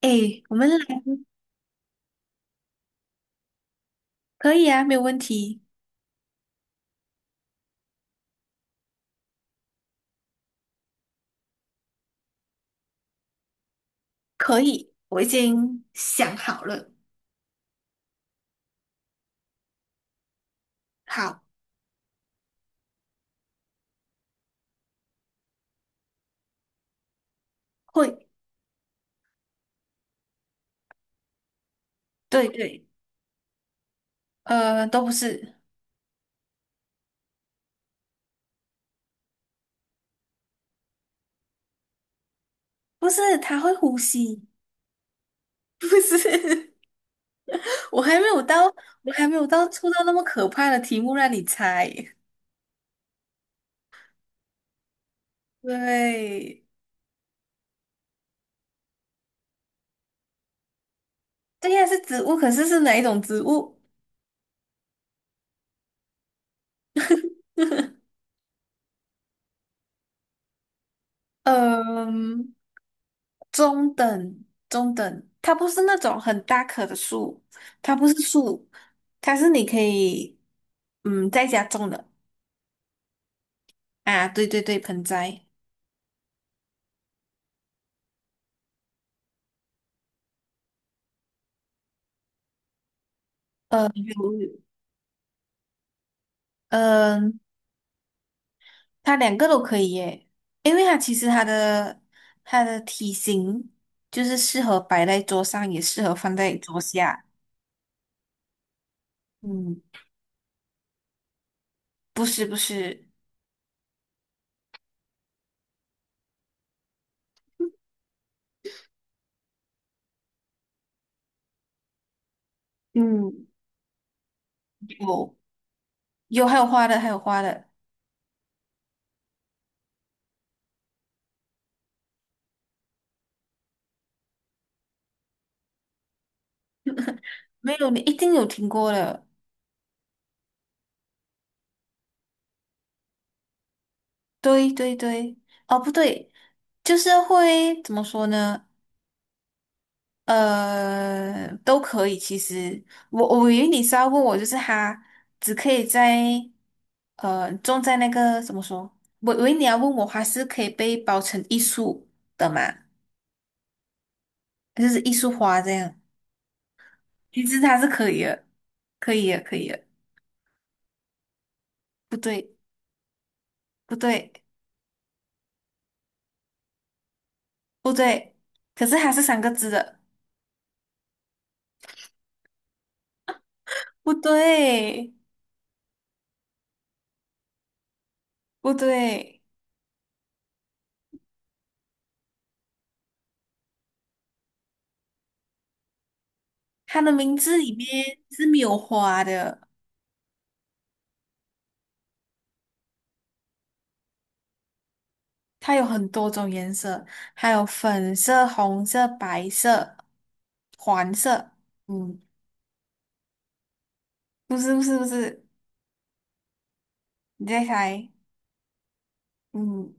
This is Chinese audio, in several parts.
哎，我们来。可以啊，没有问题。可以，我已经想好了。好。会。对对。都不是。不是，它会呼吸。不是，我还没有到。我还没有到出到那么可怕的题目让你猜。对。对呀，是植物，可是是哪一种植物？嗯、中等中等，它不是那种很大棵的树，它不是树。它是你可以在家种的。啊，对对对，盆栽。有。嗯、它两个都可以耶，因为它其实它的体型就是适合摆在桌上，也适合放在桌下。嗯。不是不是。嗯，有还有花的，还有花的。没有你一定有听过的。对对对。哦，不对，就是会怎么说呢？都可以。其实我以为你是要问我，就是它只可以在种在那个怎么说？我以为你要问我，它是可以被包成艺术的嘛？就是艺术花这样。其实它是可以的，可以的，可以的。不对。不对。不对，可是它是三个字的。不对。不对。它的名字里面是没有花的。它有很多种颜色，还有粉色、红色、白色、黄色。嗯。不是不是不是，你再猜。嗯，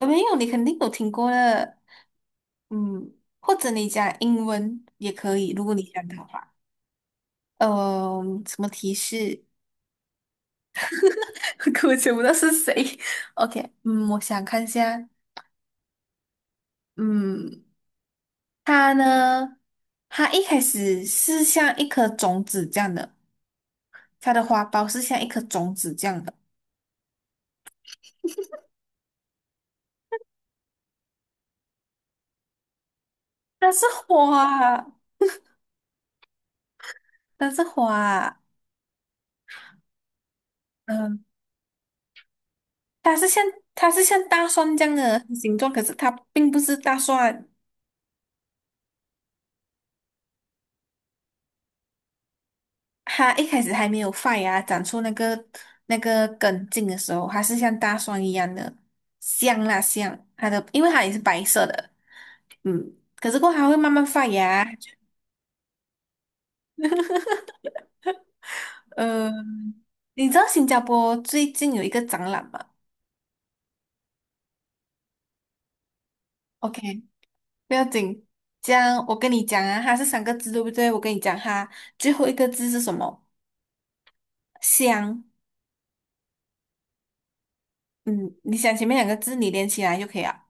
我没有，你肯定有听过的。嗯，或者你讲英文也可以，如果你讲的话。嗯，什么提示？可我想不到是谁。OK，嗯，我想看一下。嗯。它呢，它一开始是像一颗种子这样的，它的花苞是像一颗种子这样的。它是花。它是花。嗯，它是像大蒜这样的形状，可是它并不是大蒜。它一开始还没有发芽，长出那个根茎的时候，它是像大蒜一样的。香啦香。它的，因为它也是白色的。嗯，可是过后它会慢慢发芽。呃，你知道新加坡最近有一个展览吗？OK，不要紧。这样我跟你讲啊，它是三个字，对不对？我跟你讲哈，最后一个字是什么？香。嗯，你想前面两个字，你连起来就可以了。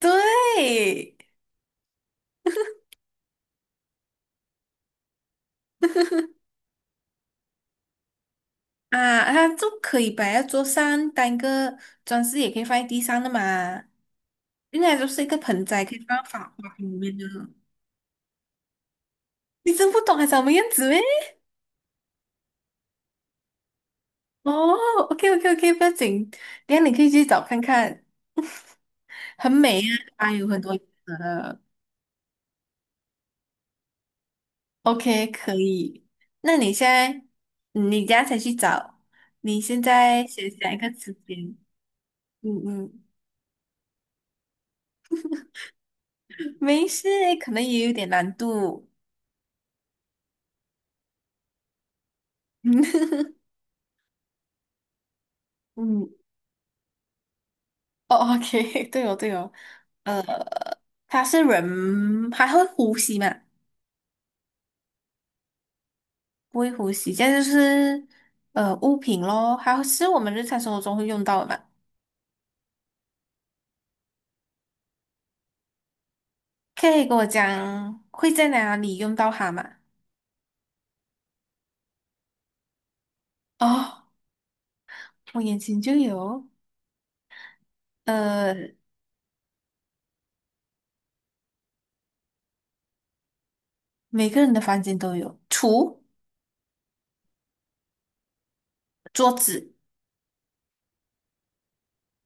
对啊，它就可以摆在桌上，当一个装饰，也可以放在地上的嘛。应该就是一个盆栽，可以放在法花瓶里面的。你真不懂还长什么样子咩？哦，OK OK OK，不要紧，等一下你可以去找看看。很美啊，啊，有很多颜色的。OK，可以。那你现在，你等下才去找，你现在先想一个词典。嗯嗯。没事，可能也有点难度。嗯。嗯。哦，OK，对哦对哦。呃，它是人，还会呼吸嘛？不会呼吸，这样就是物品咯，还是我们日常生活中会用到的嘛？可以跟我讲会在哪里用到它嘛？哦。我眼前就有。呃，每个人的房间都有橱、桌子。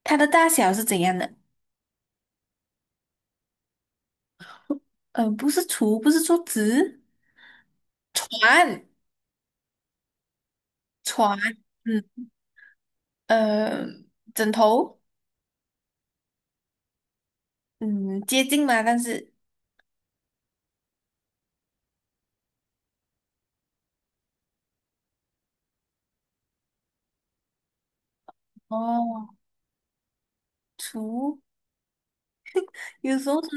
它的大小是怎样的？不是橱，不是桌子。床。床。嗯。呃，枕头。嗯，接近嘛，但是，哦，橱，有时候是。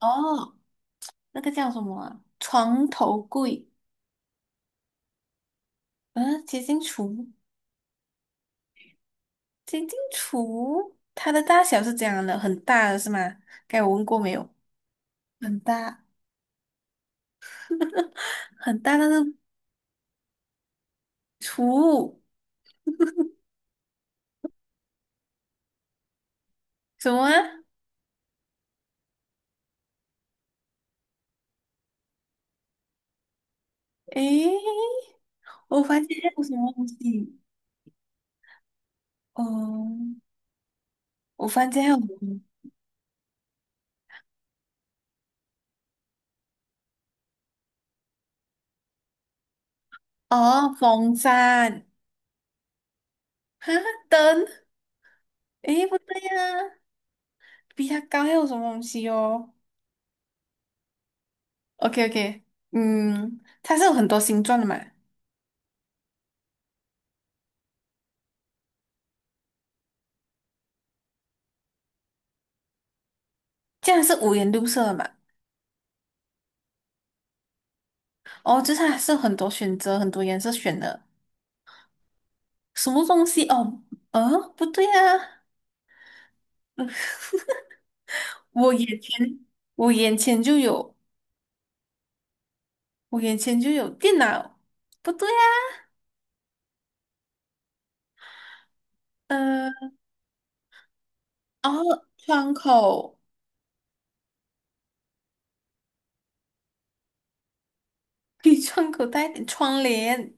哦，那个叫什么啊床头柜。嗯、接近橱。接近橱，它的大小是怎样的？很大的是吗？该我问过没有？很大。很大，但是图什么啊？诶，我发现还有什么东西？哦，我发现还有什么哦，风扇、灯。诶，不对呀、啊比它高还有什么东西哦？OK OK，嗯，它是有很多形状的嘛，这样是五颜六色的嘛？哦，就是它是有很多选择，很多颜色选的。什么东西？哦。不对呀、啊我眼前我眼前就有。我眼前就有电脑，不对呀、呃。哦，窗口比窗口带点，窗帘。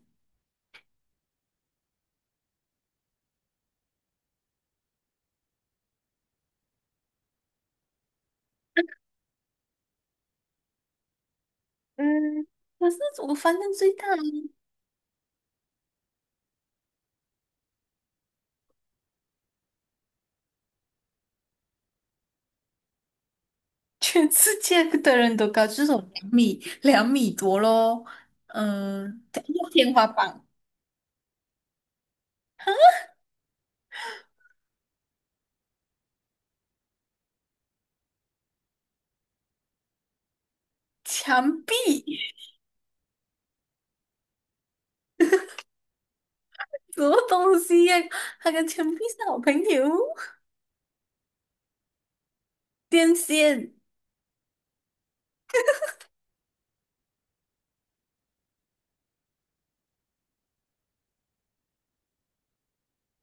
嗯，可是我反正最大的，全世界的人都高，至少两米两米多咯。嗯，加上天花板、墙壁。什么东西呀、他跟墙壁是好朋友。电线、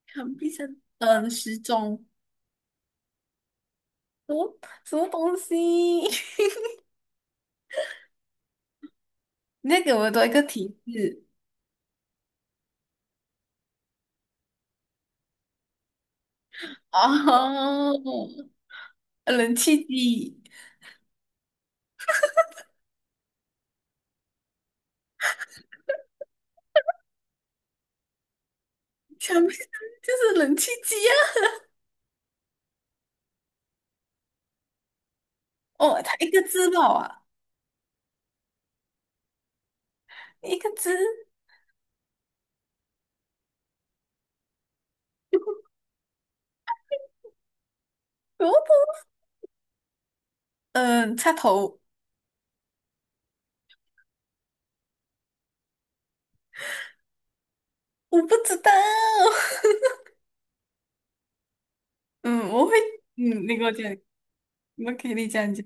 墙壁上，嗯，时钟，什么什么东西？你再给我多一个提示哦，冷气机。全部就是冷气机啊！哦，它一个字吧啊，一个字，萝卜，嗯，插头，我不知道，嗯，我会，嗯，你给我讲，我给你讲讲。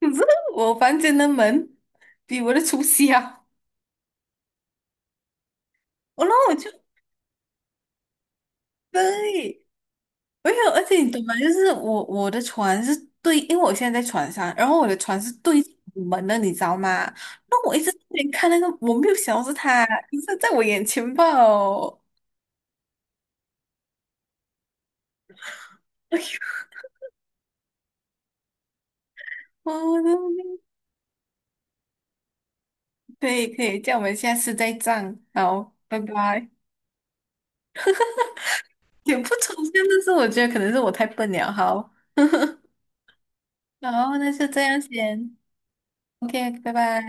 可是我房间的门比我的厨师啊，我然后我就对，没有，而且你懂吗？就是我的床是对，因为我现在在床上，然后我的床是对着门的，你知道吗？那我一直在那边看那个，我没有想到是他，一直在我眼前吧哦。哦，可以可以，这样我们下次再战。好，拜拜。也不抽象，但是我觉得可能是我太笨了。好，然后那就这样先。OK，拜拜。